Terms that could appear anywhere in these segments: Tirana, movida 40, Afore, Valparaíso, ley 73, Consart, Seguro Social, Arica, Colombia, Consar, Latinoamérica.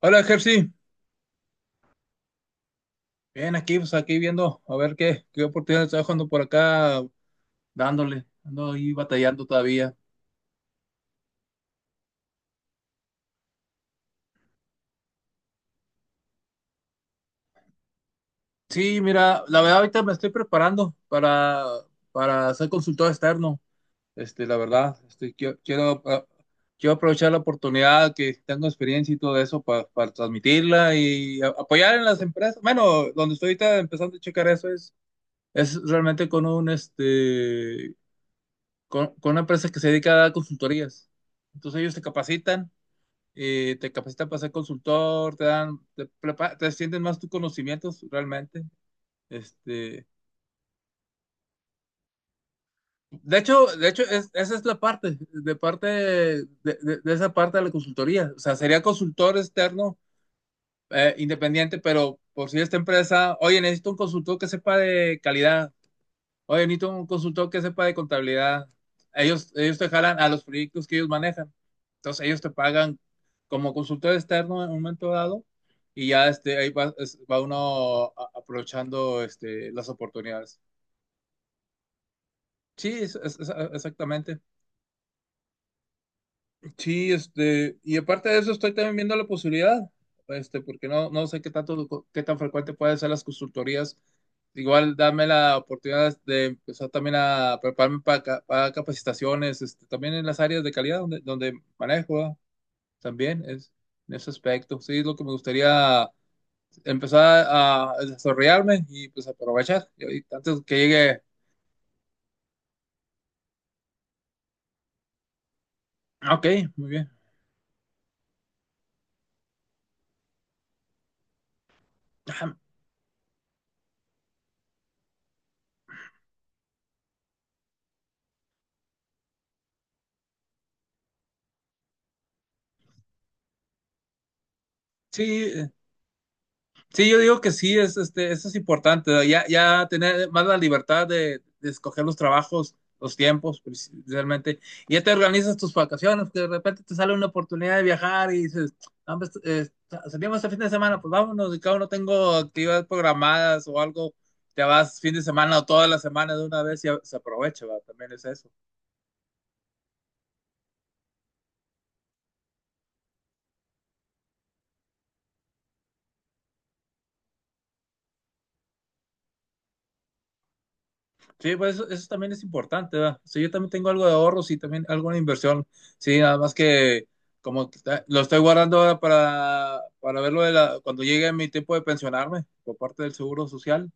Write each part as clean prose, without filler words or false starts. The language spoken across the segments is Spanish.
Hola, Jersey. Bien, aquí, pues aquí viendo a ver qué oportunidades está dejando por acá, dándole, ando ahí batallando todavía. Sí, mira, la verdad ahorita me estoy preparando para ser consultor externo. La verdad, quiero aprovechar la oportunidad que tengo experiencia y todo eso para transmitirla y apoyar en las empresas. Bueno, donde estoy ahorita empezando a checar eso es realmente con un este con una empresa que se dedica a dar consultorías. Entonces ellos te capacitan para ser consultor, te dan, te, prepa- te extienden más tus conocimientos realmente. Este, de hecho esa es la parte de, de esa parte de la consultoría. O sea, sería consultor externo, independiente, pero por si esta empresa, oye, necesito un consultor que sepa de calidad. Oye, necesito un consultor que sepa de contabilidad. Ellos te jalan a los proyectos que ellos manejan. Entonces, ellos te pagan como consultor externo en un momento dado y ya ahí va, va uno aprovechando las oportunidades. Sí, exactamente. Sí, y aparte de eso estoy también viendo la posibilidad, porque no sé qué tanto, qué tan frecuente pueden ser las consultorías. Igual dame la oportunidad de empezar también a prepararme para capacitaciones, también en las áreas de calidad donde manejo, ¿verdad? También es en ese aspecto. Sí, es lo que me gustaría empezar a desarrollarme y pues aprovechar. Y ahorita antes que llegue. Ah, ok, muy bien. Ajá. Sí, eh, Sí, yo digo que sí, es, eso es importante, ¿no? Ya tener más la libertad de escoger los trabajos, los tiempos, realmente. Y ya te organizas tus vacaciones, que de repente te sale una oportunidad de viajar y dices: "Ah, pues, salimos este fin de semana, pues vámonos, y cada uno tengo actividades programadas o algo, te vas fin de semana o toda la semana de una vez y se aprovecha". ¿Va? También es eso. Sí, pues eso también es importante, ¿verdad? Sí, yo también tengo algo de ahorros y también alguna inversión. Sí, nada más que como que lo estoy guardando ahora para verlo de la, cuando llegue mi tiempo de pensionarme por parte del Seguro Social,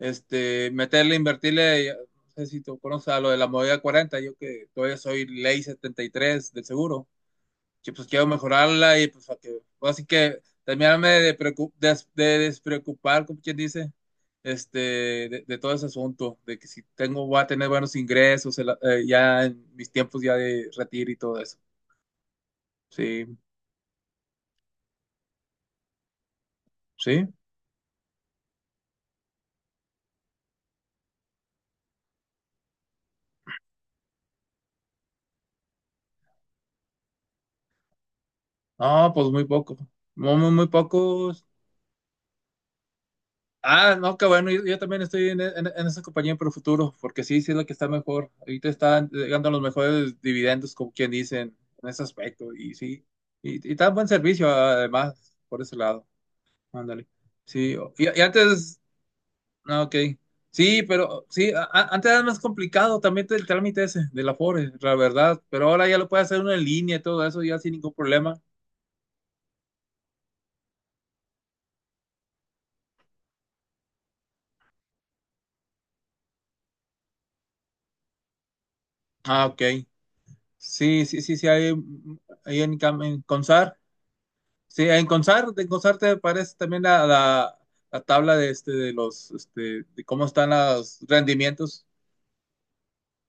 meterle, invertirle, no sé si tú conoces a lo de la movida 40, yo que todavía soy ley 73 del seguro que pues quiero mejorarla y pues para que, pues, así que terminarme de, despreocupar, como quien dice, este, de todo ese asunto, de que si tengo, voy a tener buenos ingresos ya en mis tiempos ya de retiro y todo eso. Sí, sí. No, pues muy poco. Muy, muy, muy pocos. Ah, no, qué bueno, yo también estoy en esa compañía por el futuro, porque sí, sí es la que está mejor. Ahorita están llegando los mejores dividendos, como quien dicen, en ese aspecto, y sí, y tan buen servicio además, por ese lado. Ándale. Sí, y antes. Ah, ok. Sí, pero sí, antes era más complicado también el trámite ese del Afore, la verdad, pero ahora ya lo puede hacer uno en línea y todo eso, ya sin ningún problema. Ah, ok. Sí, sí, sí, sí, hay en Consar. Sí, en Consart te aparece también la tabla de los de cómo están los rendimientos.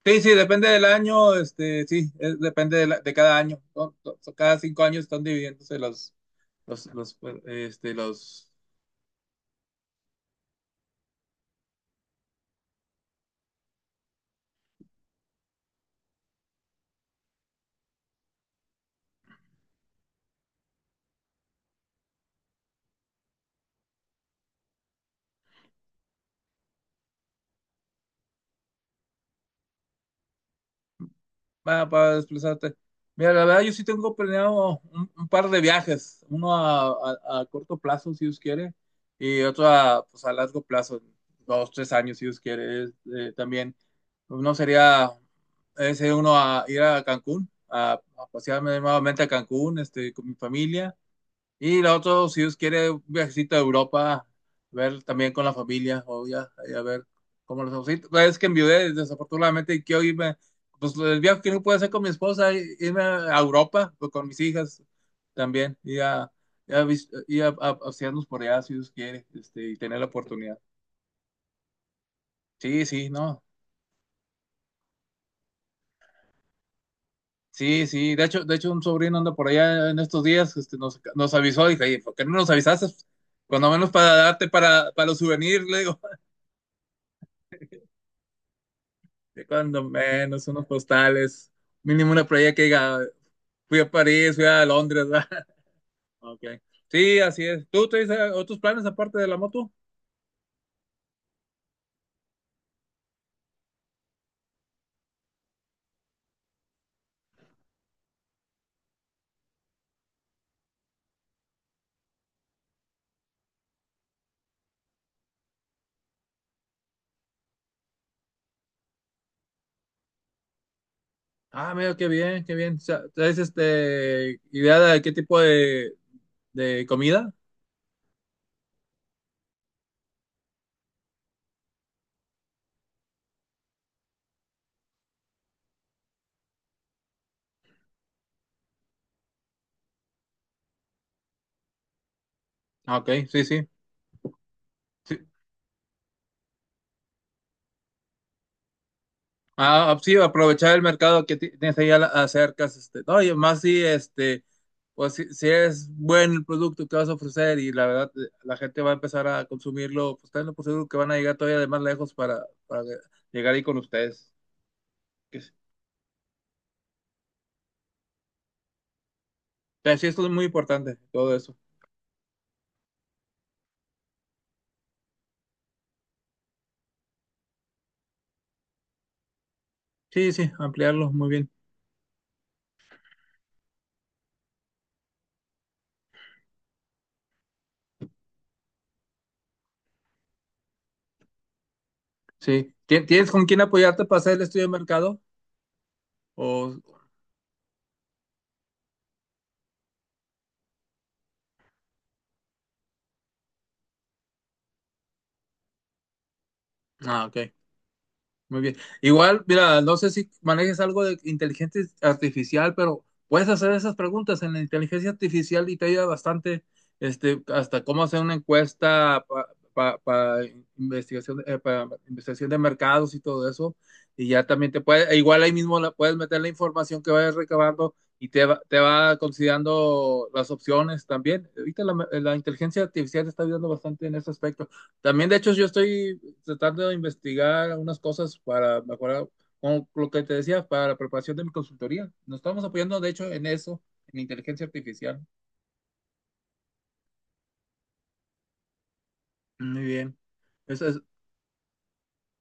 Sí, sí, depende del año, sí, depende de cada año, ¿no? Cada 5 años están dividiéndose los, los, los va, para desplazarte. Mira, la verdad, yo sí tengo planeado un par de viajes, uno a, a corto plazo, si Dios quiere, y otro a, pues, a largo plazo, 2, 3 años, si Dios quiere. También, uno sería ese, uno a ir a Cancún, a pasearme nuevamente a Cancún, con mi familia. Y lo otro, si Dios quiere, un viajecito a Europa, ver también con la familia, o ya, ahí a ver cómo los ausitos. Es que enviudé, desafortunadamente, y quiero irme, pues el viaje que no puedo hacer con mi esposa, irme a Europa, pues, con mis hijas también, y a, vis- y a pasearnos por allá, si Dios quiere, y tener la oportunidad. Sí, sí, no. Sí, sí, de hecho un sobrino anda por allá en estos días, nos avisó, dije: "Oye, ¿por qué no nos avisaste? Cuando menos para darte para los souvenirs", le digo. De cuando menos, unos postales, mínimo una playa que diga: "Fui a París, fui a Londres", ¿verdad? Ok. Sí, así es. ¿Tú traes otros planes aparte de la moto? Ah, mira, qué bien, qué bien. O sea, ¿traes este idea de qué tipo de comida? Ah, ok, sí, sí. Ah, ah, sí, aprovechar el mercado que tienes ahí a acerca. No, y más si, pues si es buen el producto que vas a ofrecer y la verdad la gente va a empezar a consumirlo, pues tenlo por seguro que van a llegar todavía de más lejos para llegar ahí con ustedes. Que sí, pero sí, esto es muy importante, todo eso. Sí, sí, ampliarlo, muy bien. Sí. Tienes con quién apoyarte para hacer el estudio de mercado? O. Ah, ok. Muy bien. Igual, mira, no sé si manejes algo de inteligencia artificial, pero puedes hacer esas preguntas en la inteligencia artificial y te ayuda bastante, hasta cómo hacer una encuesta para investigación, pa investigación de mercados y todo eso. Y ya también te puede, e igual ahí mismo la, puedes meter la información que vayas recabando y te va considerando las opciones también. Ahorita la inteligencia artificial te está ayudando bastante en ese aspecto. También, de hecho, yo estoy tratando de investigar unas cosas para mejorar, como lo que te decía, para la preparación de mi consultoría. Nos estamos apoyando, de hecho, en eso, en inteligencia artificial. Muy bien. Eso es,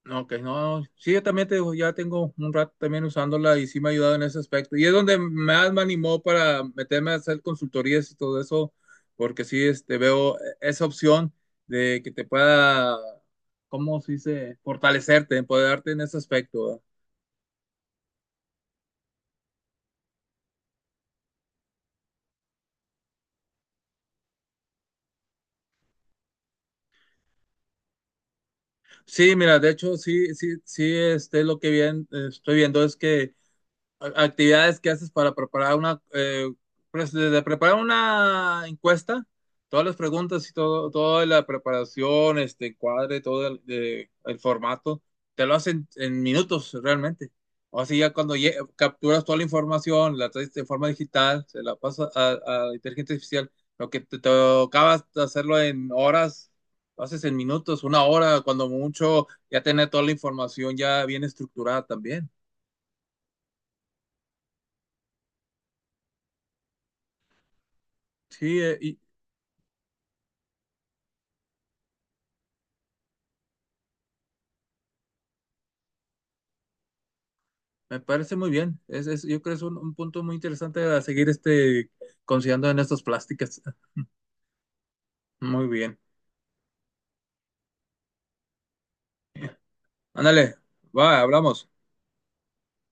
no, ok, no, sí, yo también te digo, ya tengo un rato también usándola y sí me ha ayudado en ese aspecto. Y es donde más me animó para meterme a hacer consultorías y todo eso, porque sí, veo esa opción de que te pueda. ¿Cómo se dice? Fortalecerte, empoderarte en ese aspecto, ¿verdad? Sí, mira, de hecho, sí, sí, sí, lo que bien, estoy viendo es que actividades que haces para preparar una, pues, desde preparar una encuesta, todas las preguntas y todo, toda la preparación, este cuadre, todo el, el formato, te lo hacen en minutos realmente. O así ya cuando capturas toda la información, la traes de forma digital, se la pasas a inteligencia artificial, lo que te tocaba hacerlo en horas, lo haces en minutos, una hora, cuando mucho, ya tener toda la información ya bien estructurada también. Sí, y. Me parece muy bien. Yo creo que es un punto muy interesante a seguir considerando en estas plásticas. Muy bien. Ándale, va, hablamos.